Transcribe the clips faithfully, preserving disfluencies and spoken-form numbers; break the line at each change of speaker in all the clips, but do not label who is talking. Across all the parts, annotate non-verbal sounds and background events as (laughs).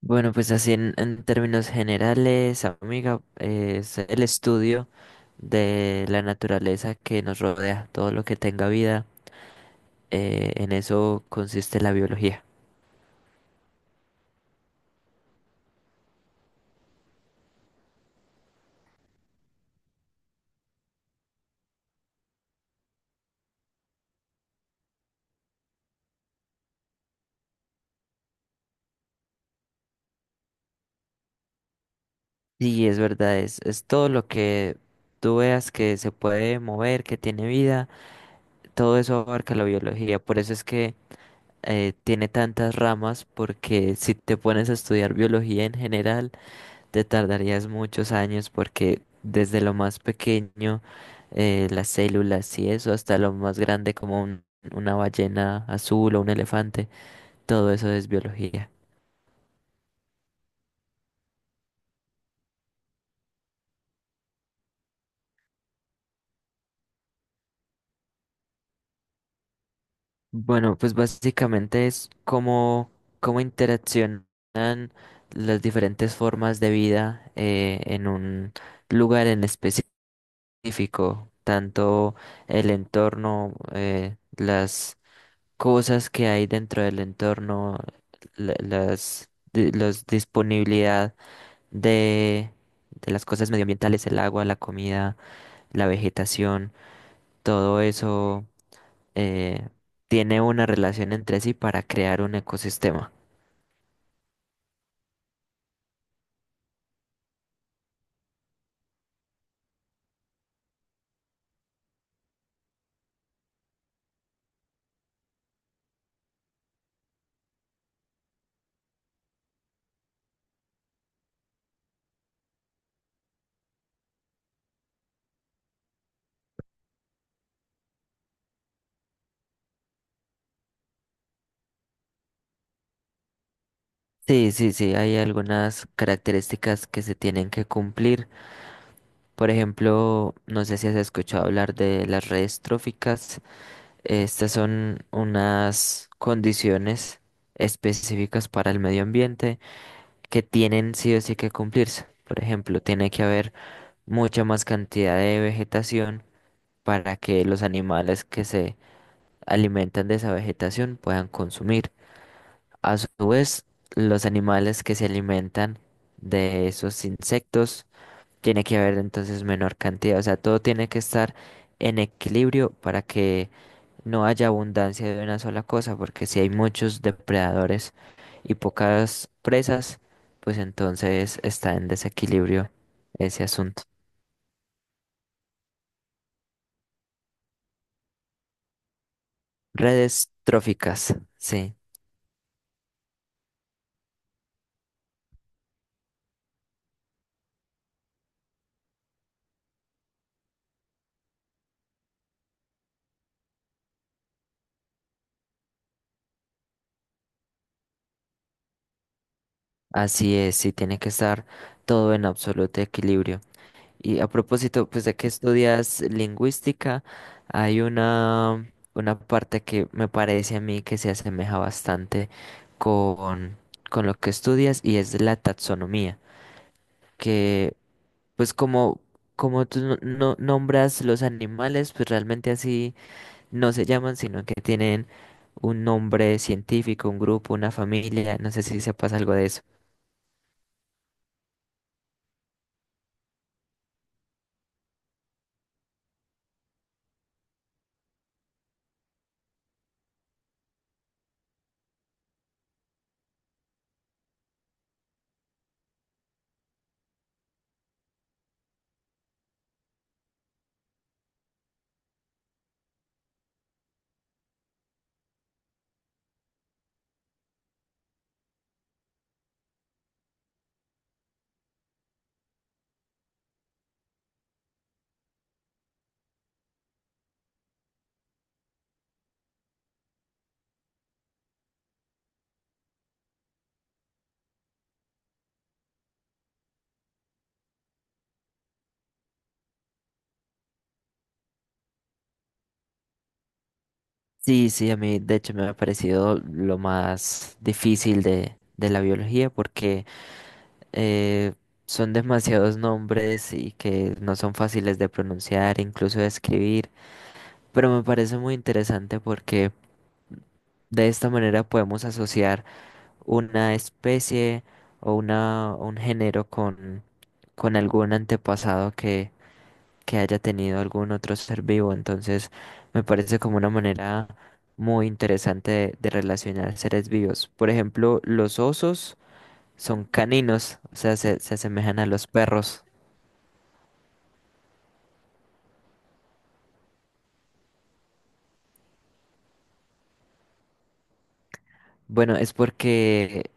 Bueno, pues así en, en términos generales, amiga, es el estudio de la naturaleza que nos rodea, todo lo que tenga vida, eh, en eso consiste la biología. Sí, es verdad, es, es todo lo que tú veas que se puede mover, que tiene vida, todo eso abarca la biología, por eso es que eh, tiene tantas ramas, porque si te pones a estudiar biología en general, te tardarías muchos años porque desde lo más pequeño, eh, las células y eso, hasta lo más grande como un- una ballena azul o un elefante, todo eso es biología. Bueno, pues básicamente es cómo, cómo interaccionan las diferentes formas de vida eh, en un lugar en específico, tanto el entorno, eh, las cosas que hay dentro del entorno, la- las, di- las disponibilidad de, de las cosas medioambientales, el agua, la comida, la vegetación, todo eso eh, tiene una relación entre sí para crear un ecosistema. Sí, sí, sí, hay algunas características que se tienen que cumplir. Por ejemplo, no sé si has escuchado hablar de las redes tróficas. Estas son unas condiciones específicas para el medio ambiente que tienen sí o sí que cumplirse. Por ejemplo, tiene que haber mucha más cantidad de vegetación para que los animales que se alimentan de esa vegetación puedan consumir. A su vez, los animales que se alimentan de esos insectos, tiene que haber entonces menor cantidad. O sea, todo tiene que estar en equilibrio para que no haya abundancia de una sola cosa, porque si hay muchos depredadores y pocas presas, pues entonces está en desequilibrio ese asunto. Redes tróficas, sí, así es, sí tiene que estar todo en absoluto equilibrio. Y a propósito, pues de que estudias lingüística, hay una, una parte que me parece a mí que se asemeja bastante con, con lo que estudias y es la taxonomía, que pues como, como tú no, no- nombras los animales, pues realmente así no se llaman, sino que tienen un nombre científico, un grupo, una familia. No sé si se pasa algo de eso. Sí, sí, a mí de hecho me ha parecido lo más difícil de, de la biología porque eh, son demasiados nombres y que no son fáciles de pronunciar, incluso de escribir. Pero me parece muy interesante porque de esta manera podemos asociar una especie o una, o un género con, con algún antepasado que, que haya tenido algún otro ser vivo. Entonces, me parece como una manera muy interesante de, de relacionar seres vivos. Por ejemplo, los osos son caninos, o sea, se, se asemejan a los perros. Bueno, es porque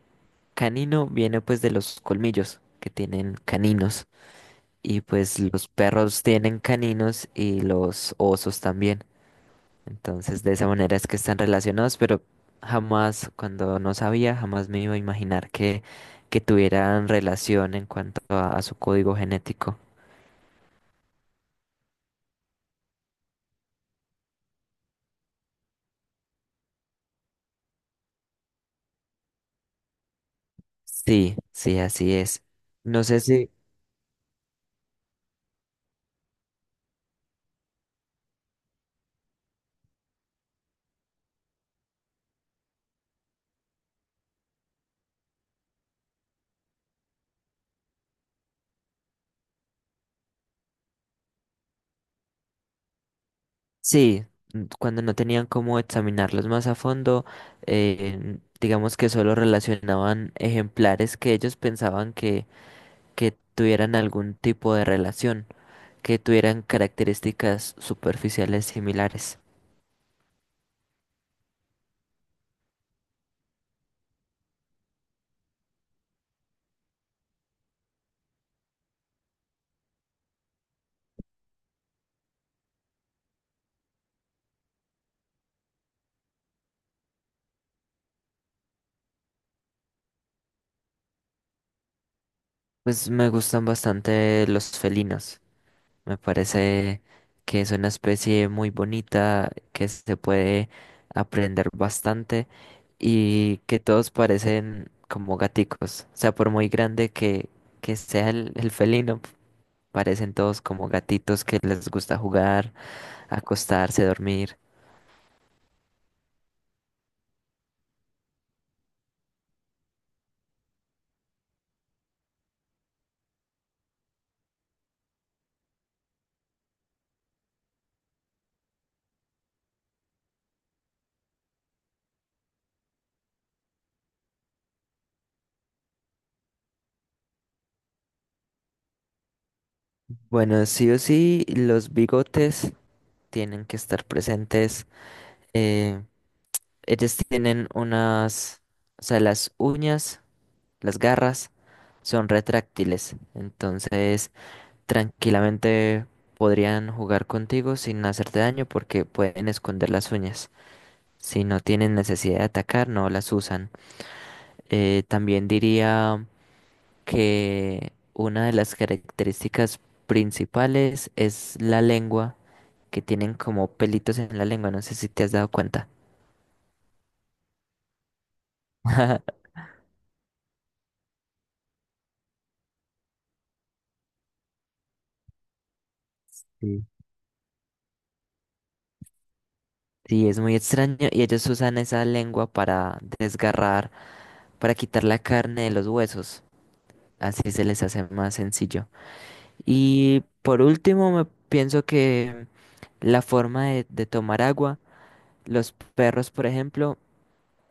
canino viene pues de los colmillos que tienen caninos. Y pues los perros tienen caninos y los osos también. Entonces, de esa manera es que están relacionados, pero jamás, cuando no sabía, jamás me iba a imaginar que, que tuvieran relación en cuanto a, a su código genético. Sí, sí, así es. No sé si, sí, n- cuando no tenían cómo examinarlos más a fondo, eh, digamos que solo relacionaban ejemplares que ellos pensaban que, que tuvieran algún tipo de relación, que tuvieran características superficiales similares. Pues me gustan bastante los felinos. Me parece que es una especie muy bonita, que se puede aprender bastante y que todos parecen como gaticos. O sea, por muy grande que, que sea el, el felino, parecen todos como gatitos que les gusta jugar, acostarse, dormir. Bueno, sí o sí, los bigotes tienen que estar presentes. Eh, ellos tienen unas, o sea, las uñas. Las garras son retráctiles, entonces tranquilamente podrían jugar contigo sin hacerte daño porque pueden esconder las uñas. Si no tienen necesidad de atacar, no las usan. Eh, también diría que una de las características principales es la lengua, que tienen como pelitos en la lengua, no sé si te has dado cuenta. (laughs) Sí. Sí, es muy extraño y ellos usan esa lengua para desgarrar para quitar la carne de los huesos. Así se les hace más sencillo. Y por último, me pienso que la forma de, de tomar agua, los perros, por ejemplo,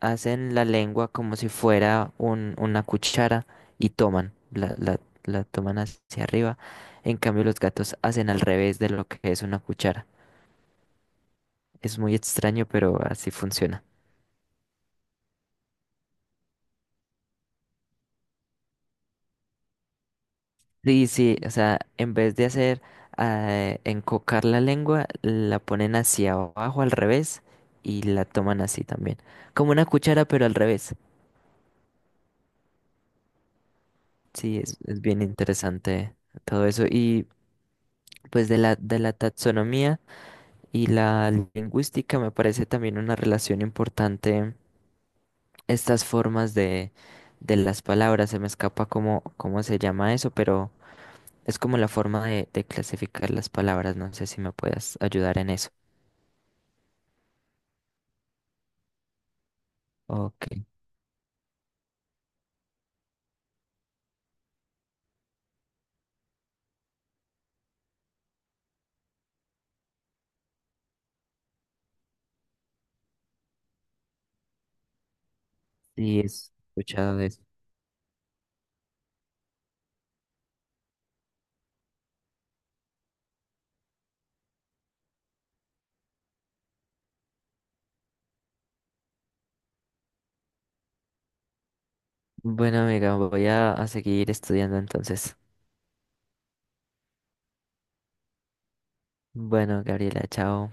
hacen la lengua como si fuera un- una cuchara y toman, la, la, la toman hacia arriba. En cambio, los gatos hacen al revés de lo que es una cuchara. Es muy extraño, pero así funciona. Sí, sí, o sea, en vez de hacer eh, encocar la lengua, la ponen hacia abajo al revés y la toman así también. Como una cuchara, pero al revés. Sí, es, es bien interesante todo eso. Y pues de la, de la taxonomía y la lingüística me parece también una relación importante estas formas de, de las palabras. Se me escapa cómo, cómo se llama eso, pero es como la forma de, de clasificar las palabras. No sé si me puedas ayudar en eso. Ok, sí, he escuchado eso. Bueno, amiga, voy a, a seguir estudiando entonces. Bueno, Gabriela, chao.